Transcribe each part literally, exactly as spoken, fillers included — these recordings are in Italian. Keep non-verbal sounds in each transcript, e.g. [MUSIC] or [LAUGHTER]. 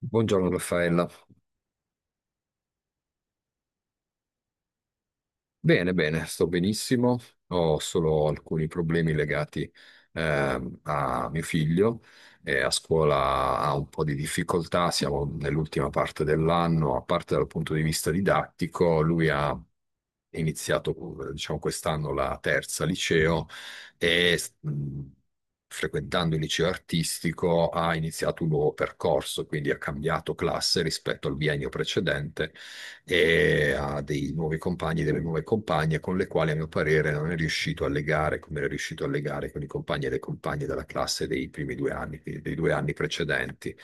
Buongiorno Raffaella. Bene, bene, sto benissimo. Ho solo alcuni problemi legati ehm, a mio figlio. Eh, a scuola ha un po' di difficoltà, siamo nell'ultima parte dell'anno, a parte dal punto di vista didattico, lui ha iniziato, eh, diciamo, quest'anno la terza liceo e mh, frequentando il liceo artistico ha iniziato un nuovo percorso, quindi ha cambiato classe rispetto al biennio precedente e ha dei nuovi compagni, delle nuove compagne con le quali a mio parere non è riuscito a legare come era riuscito a legare con i compagni e le compagne della classe dei primi due anni, quindi dei due anni precedenti.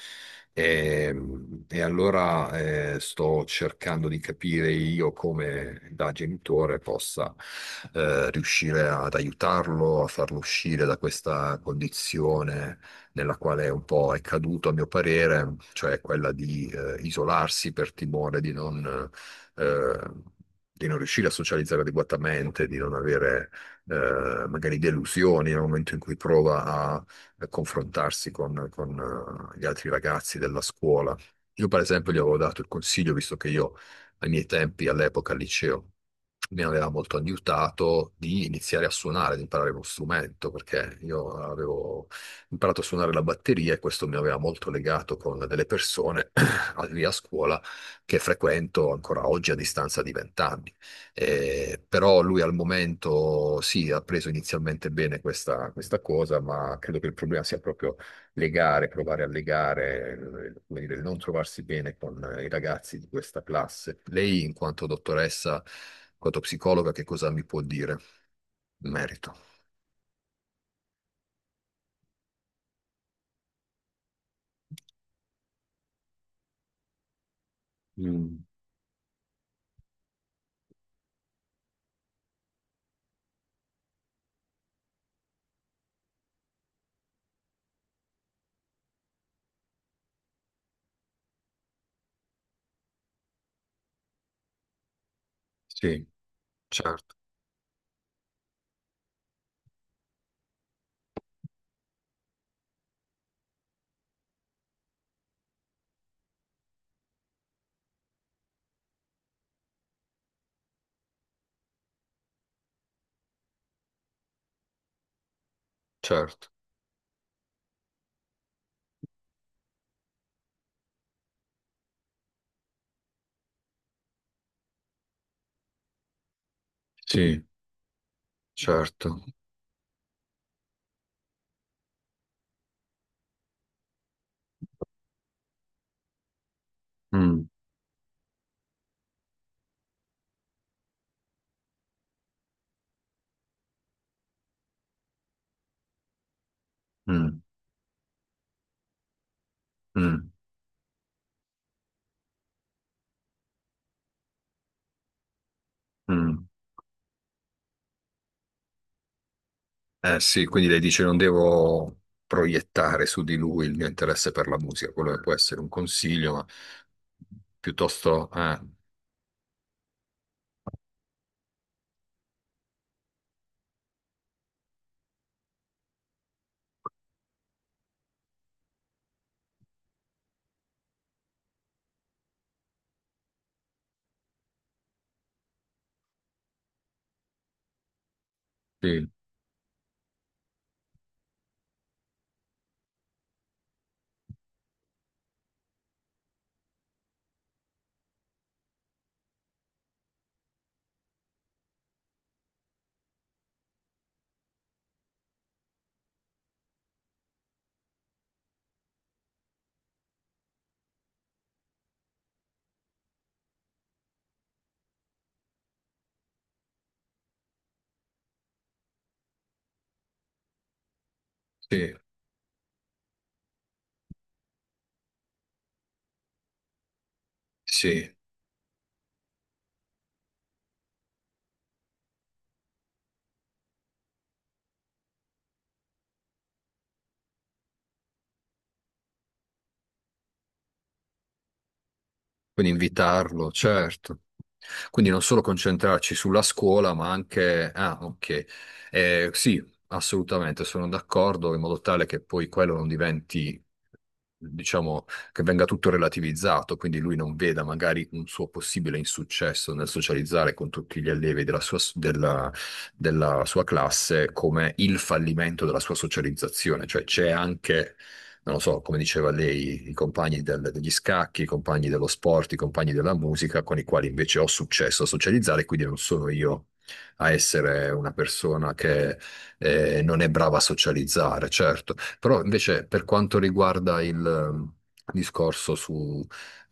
E, e allora eh, sto cercando di capire io come da genitore possa eh, riuscire ad aiutarlo, a farlo uscire da questa condizione nella quale un po' è caduto, a mio parere, cioè quella di eh, isolarsi per timore di non eh, di non riuscire a socializzare adeguatamente, di non avere eh, magari delusioni nel momento in cui prova a, a confrontarsi con, con, eh, gli altri ragazzi della scuola. Io, per esempio, gli avevo dato il consiglio, visto che io ai miei tempi, all'epoca, al liceo, mi aveva molto aiutato di iniziare a suonare, di imparare uno strumento, perché io avevo imparato a suonare la batteria e questo mi aveva molto legato con delle persone [COUGHS] [CLEARS THROAT] lì a scuola che frequento ancora oggi a distanza di vent'anni. Eh, però lui al momento sì, ha preso inizialmente bene questa, questa cosa, ma credo che il problema sia proprio legare, provare a legare, eh, come dire, il non trovarsi bene con eh, i ragazzi di questa classe. Lei, in quanto dottoressa, in quanto psicologa, che cosa mi può dire in merito? Mm, sì, certo, certo, sì, certo. Mm, mm, mm, mm. Eh sì, quindi lei dice non devo proiettare su di lui il mio interesse per la musica, quello che può essere un consiglio, ma piuttosto... eh, sì, sì, sì. Quindi invitarlo, certo. Quindi non solo concentrarci sulla scuola, ma anche... Ah, ok. Eh, sì, assolutamente, sono d'accordo, in modo tale che poi quello non diventi, diciamo, che venga tutto relativizzato, quindi lui non veda magari un suo possibile insuccesso nel socializzare con tutti gli allievi della sua, della, della sua classe come il fallimento della sua socializzazione, cioè c'è anche non lo so, come diceva lei, i compagni del- degli scacchi, i compagni dello sport, i compagni della musica, con i quali invece ho successo a socializzare, quindi non sono io a essere una persona che eh, non è brava a socializzare, certo. Però invece per quanto riguarda il eh, discorso su...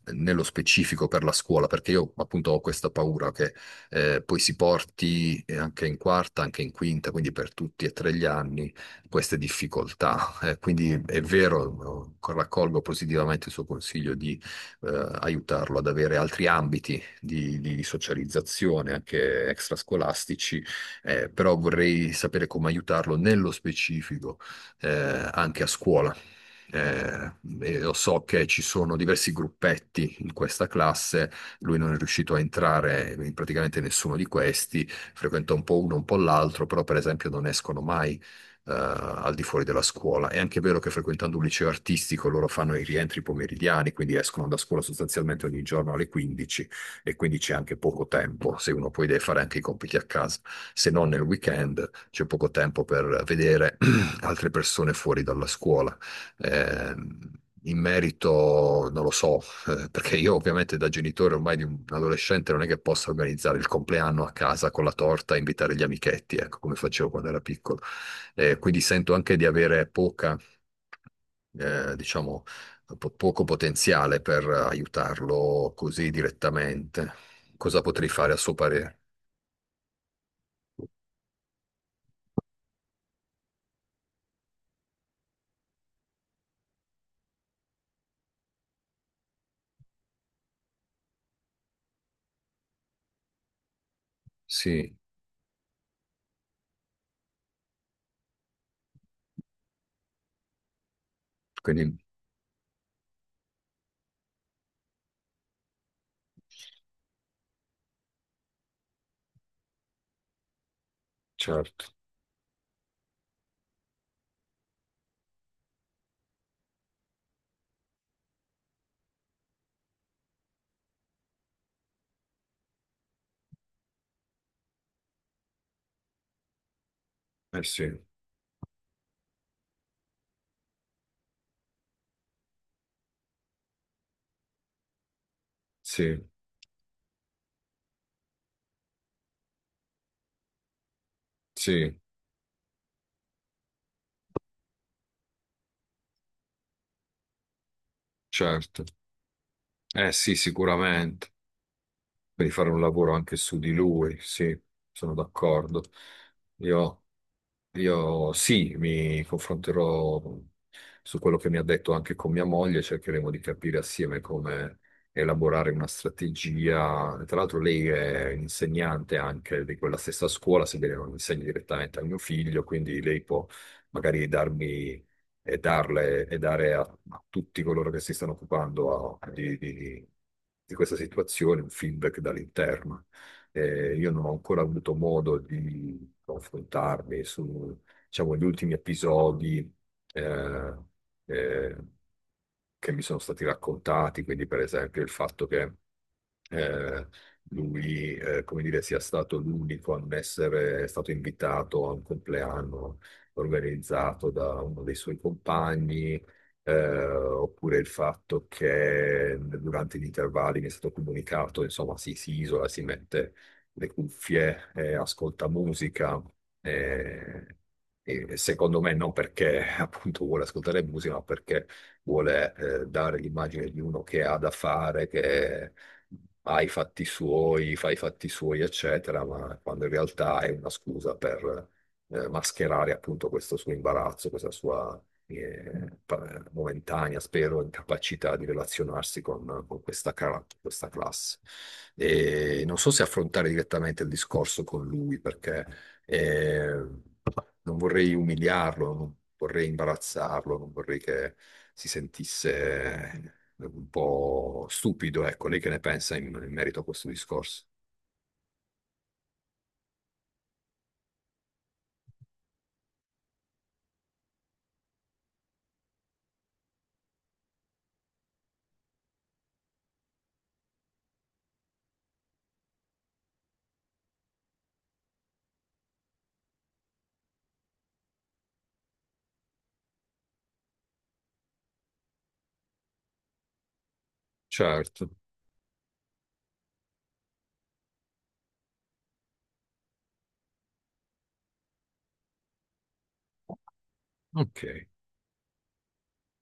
Nello specifico per la scuola, perché io appunto ho questa paura che eh, poi si porti eh, anche in quarta, anche in quinta, quindi per tutti e tre gli anni queste difficoltà eh, quindi è vero, eh, raccolgo positivamente il suo consiglio di eh, aiutarlo ad avere altri ambiti di, di socializzazione, anche extrascolastici, eh, però vorrei sapere come aiutarlo nello specifico eh, anche a scuola. Eh, e lo so che ci sono diversi gruppetti in questa classe, lui non è riuscito a entrare in praticamente nessuno di questi, frequenta un po' uno, un po' l'altro, però per esempio non escono mai. Eh, al di fuori della scuola. È anche vero che frequentando un liceo artistico loro fanno i rientri pomeridiani, quindi escono da scuola sostanzialmente ogni giorno alle quindici e quindi c'è anche poco tempo, se uno poi deve fare anche i compiti a casa, se non nel weekend c'è poco tempo per vedere [CLEARS THROAT] altre persone fuori dalla scuola eh, in merito, non lo so, [LAUGHS] eh, perché io ovviamente da genitore ormai di un adolescente non è che possa organizzare il compleanno a casa con la torta e invitare gli amichetti, ecco, come facevo quando era piccolo. Eh, quindi sento anche di avere poca, eh, diciamo, po- poco potenziale per aiutarlo così direttamente. Cosa potrei fare a suo parere? Sì, quindi certo, eh sì, sì, sì, certo. Eh sì, sicuramente, per fare un lavoro anche su di lui, sì, sono d'accordo. Io, io sì, mi confronterò su quello che mi ha detto anche con mia moglie, cercheremo di capire assieme come elaborare una strategia. Tra l'altro lei è insegnante anche di quella stessa scuola, sebbene non insegni direttamente al mio figlio, quindi lei può magari darmi e darle e dare a, a tutti coloro che si stanno occupando a- di, di di questa situazione un feedback dall'interno. Eh, io non ho ancora avuto modo di confrontarmi su, diciamo, gli ultimi episodi eh, eh, che mi sono stati raccontati, quindi per esempio il fatto che eh, lui, eh, come dire, sia stato l'unico a non essere stato invitato a un compleanno organizzato da uno dei suoi compagni, eh, oppure il fatto che durante gli intervalli mi è stato comunicato, insomma, si, si isola, si mette le cuffie, eh, ascolta musica. eh, e secondo me non perché [LAUGHS] appunto vuole ascoltare musica, ma perché vuole eh, dare l'immagine di uno che ha da fare, che ha i fatti suoi, fa i fatti suoi, eccetera, ma quando in realtà è una scusa per eh, mascherare appunto questo suo imbarazzo, questa sua eh, pa- momentanea, spero, incapacità di relazionarsi con, con questa, cara- questa classe. E non so se affrontare direttamente il discorso con lui, perché... eh, non vorrei umiliarlo, non vorrei imbarazzarlo, non vorrei che si sentisse un po' stupido. Ecco, lei che ne pensa in, in merito a questo discorso? Certo, ok,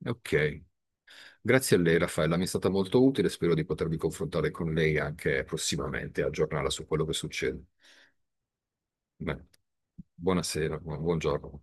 ok. Grazie a lei, Raffaella, mi è stata molto utile, spero di potermi confrontare con lei anche prossimamente, e aggiornarla su quello che succede. Bene. Buonasera, buongiorno.